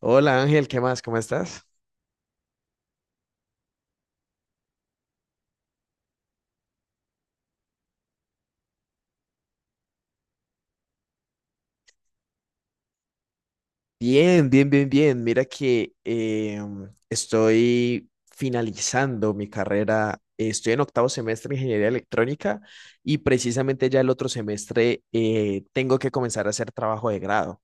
Hola Ángel, ¿qué más? ¿Cómo estás? Bien, bien, bien, bien. Mira que estoy finalizando mi carrera. Estoy en octavo semestre de ingeniería electrónica y precisamente ya el otro semestre tengo que comenzar a hacer trabajo de grado.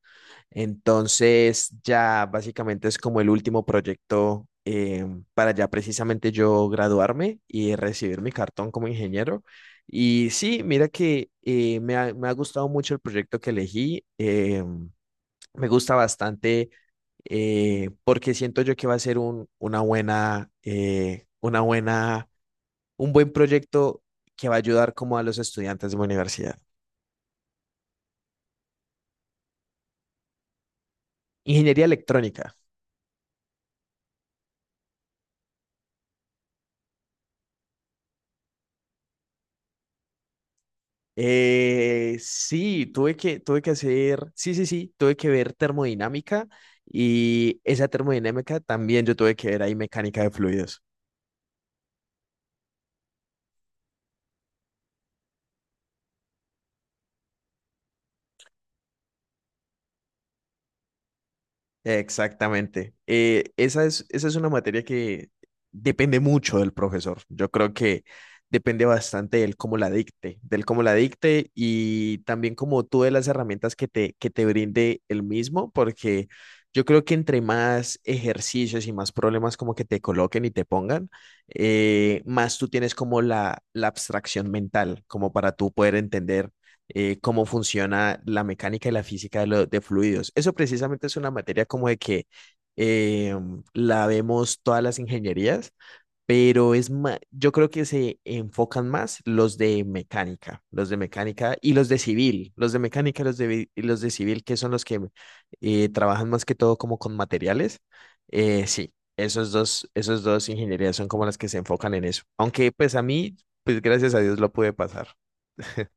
Entonces ya básicamente es como el último proyecto para ya precisamente yo graduarme y recibir mi cartón como ingeniero. Y sí, mira que me ha gustado mucho el proyecto que elegí. Me gusta bastante porque siento yo que va a ser un, una buena, un buen proyecto que va a ayudar como a los estudiantes de mi universidad. Ingeniería electrónica. Sí, tuve que hacer, sí, sí, sí, tuve que ver termodinámica y esa termodinámica también yo tuve que ver ahí mecánica de fluidos. Exactamente. Esa es, esa es una materia que depende mucho del profesor. Yo creo que depende bastante del cómo la dicte, del cómo la dicte y también como tú de las herramientas que te brinde el mismo, porque yo creo que entre más ejercicios y más problemas como que te coloquen y te pongan, más tú tienes como la abstracción mental, como para tú poder entender cómo funciona la mecánica y la física de, de fluidos. Eso precisamente es una materia como de que eh, la vemos todas las ingenierías, pero es yo creo que se enfocan más los de mecánica y los de civil, los de mecánica y los de, y los de civil, que son los que trabajan más que todo como con materiales. Sí. Esos dos ingenierías son como las que se enfocan en eso. Aunque pues a mí, pues gracias a Dios lo pude pasar.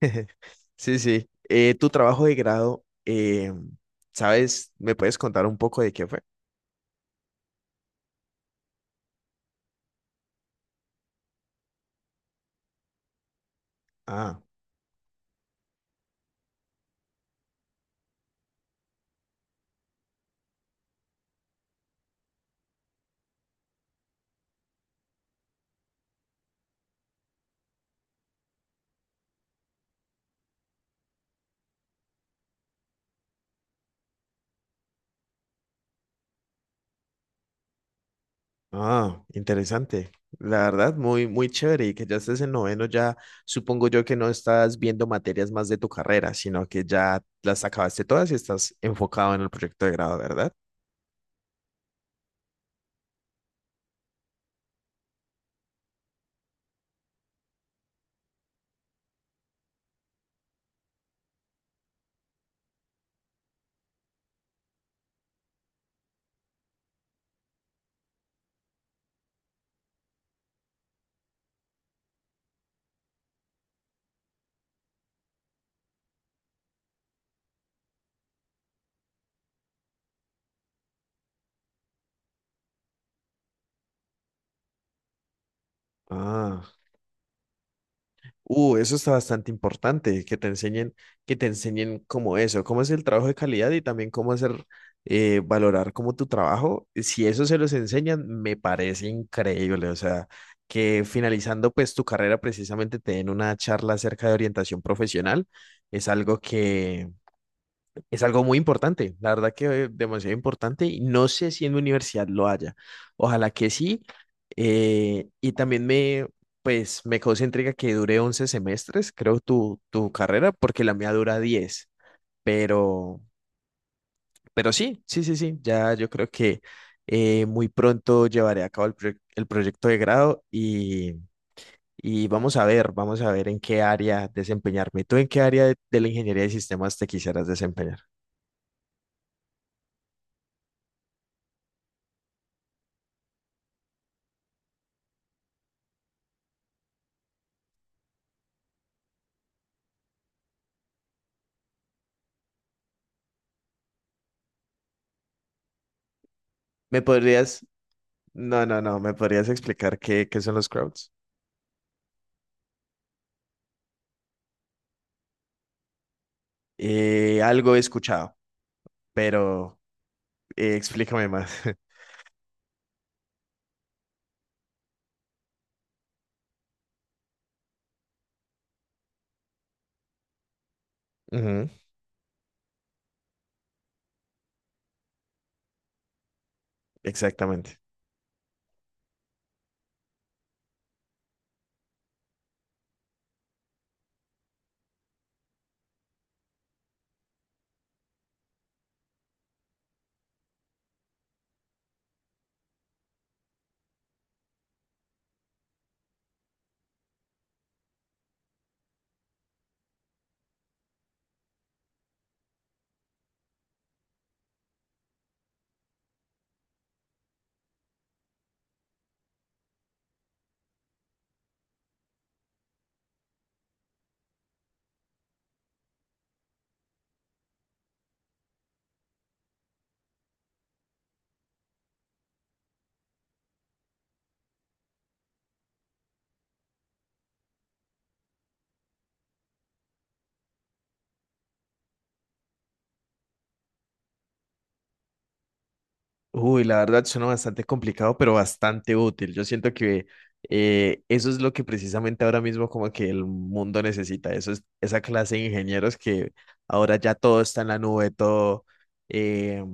Sí, sí. Tu trabajo de grado, ¿sabes? ¿Me puedes contar un poco de qué fue? Ah, ah, interesante. La verdad, muy, muy chévere. Y que ya estés en noveno, ya supongo yo que no estás viendo materias más de tu carrera, sino que ya las acabaste todas y estás enfocado en el proyecto de grado, ¿verdad? Ah, uh, eso está bastante importante, que te enseñen cómo eso, cómo es el trabajo de calidad y también cómo hacer, valorar como tu trabajo. Si eso se los enseñan, me parece increíble. O sea, que finalizando pues tu carrera precisamente te den una charla acerca de orientación profesional, es algo que es algo muy importante, la verdad que demasiado importante y no sé si en mi universidad lo haya. Ojalá que sí. Y también pues, me causa intriga que dure 11 semestres, creo, tu carrera, porque la mía dura 10. Pero, pero sí, sí, sí, sí, ya yo creo que muy pronto llevaré a cabo el proyecto de grado y vamos a ver en qué área desempeñarme. ¿Tú en qué área de la ingeniería de sistemas te quisieras desempeñar? ¿Me podrías No, no, no, ¿me podrías explicar qué, qué son los crowds? Algo he escuchado, pero explícame más. Ujú, exactamente. Uy, la verdad suena bastante complicado, pero bastante útil. Yo siento que eso es lo que precisamente ahora mismo como que el mundo necesita. Eso es esa clase de ingenieros que ahora ya todo está en la nube, todo, eh,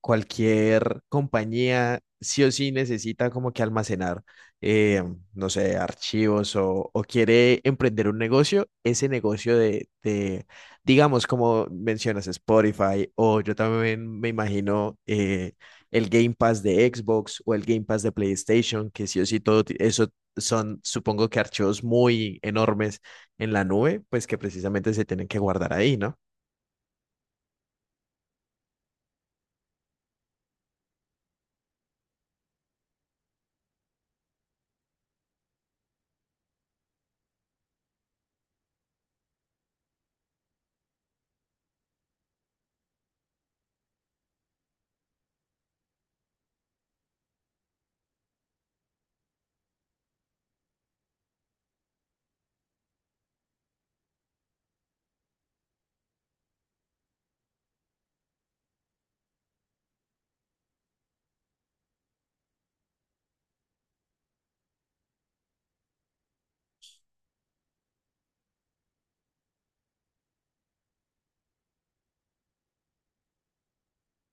cualquier compañía sí o sí necesita como que almacenar, eh, no sé, archivos o quiere emprender un negocio, ese negocio de, digamos, como mencionas Spotify o yo también me imagino... el Game Pass de Xbox o el Game Pass de PlayStation, que sí o sí todo eso son, supongo que archivos muy enormes en la nube, pues que precisamente se tienen que guardar ahí, ¿no?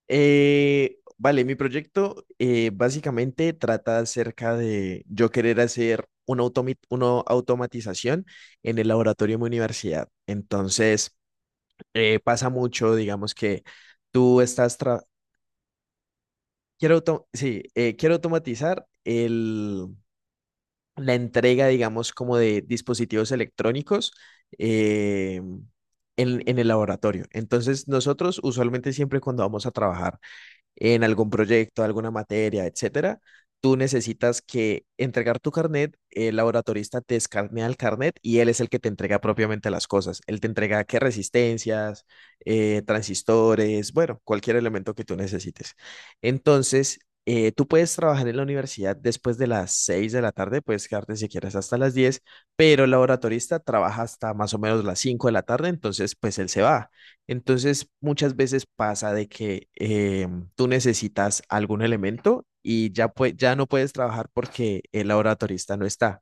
Vale, mi proyecto básicamente trata acerca de yo querer hacer una automatización en el laboratorio de mi universidad. Entonces, pasa mucho, digamos que tú estás... tra- Quiero, auto sí, quiero automatizar la entrega, digamos, como de dispositivos electrónicos eh, en el laboratorio. Entonces, nosotros usualmente siempre cuando vamos a trabajar en algún proyecto, alguna materia, etcétera, tú necesitas que entregar tu carnet, el laboratorista te escanea el carnet y él es el que te entrega propiamente las cosas. Él te entrega qué resistencias, transistores, bueno, cualquier elemento que tú necesites. Entonces, tú puedes trabajar en la universidad después de las 6 de la tarde, puedes quedarte si quieres hasta las 10, pero el laboratorista trabaja hasta más o menos las 5 de la tarde, entonces pues él se va. Entonces, muchas veces pasa de que tú necesitas algún elemento y ya, ya no puedes trabajar porque el laboratorista no está.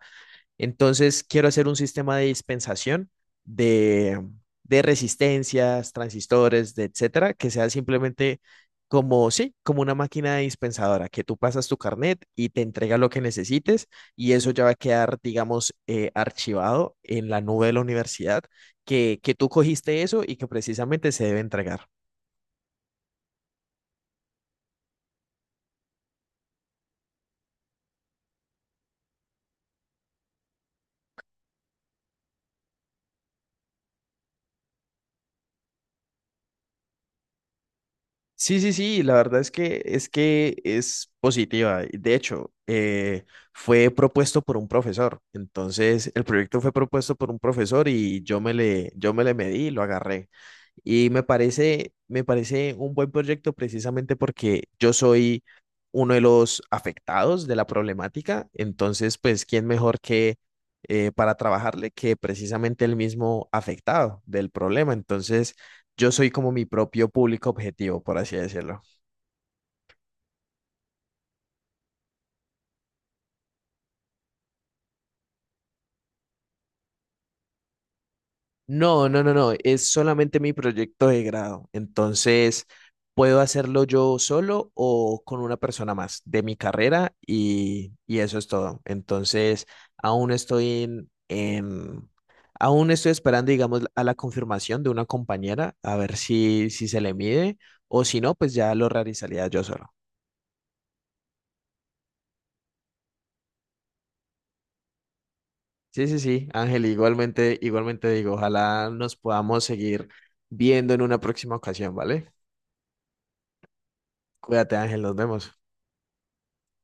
Entonces, quiero hacer un sistema de dispensación de, de resistencias, transistores, de etcétera, que sea simplemente como, sí, como una máquina dispensadora, que tú pasas tu carnet y te entrega lo que necesites y eso ya va a quedar, digamos, archivado en la nube de la universidad, que tú cogiste eso y que precisamente se debe entregar. Sí, sí, sí, la verdad es que es que es positiva. De hecho, fue propuesto por un profesor. Entonces, el proyecto fue propuesto por un profesor y yo me le medí y lo agarré. Y me parece un buen proyecto precisamente porque yo soy uno de los afectados de la problemática. Entonces, pues, ¿quién mejor que para trabajarle que precisamente el mismo afectado del problema? Entonces, yo soy como mi propio público objetivo, por así decirlo. No, no, no, no, es solamente mi proyecto de grado. Entonces, puedo hacerlo yo solo o con una persona más de mi carrera y eso es todo. Entonces, aún estoy en, en- aún estoy esperando, digamos, a la confirmación de una compañera, a ver si, si se le mide o si no, pues ya lo realizaría yo solo. Sí, sí, sí, Ángel, igualmente, igualmente digo, ojalá nos podamos seguir viendo en una próxima ocasión, ¿vale? Cuídate, Ángel, nos vemos.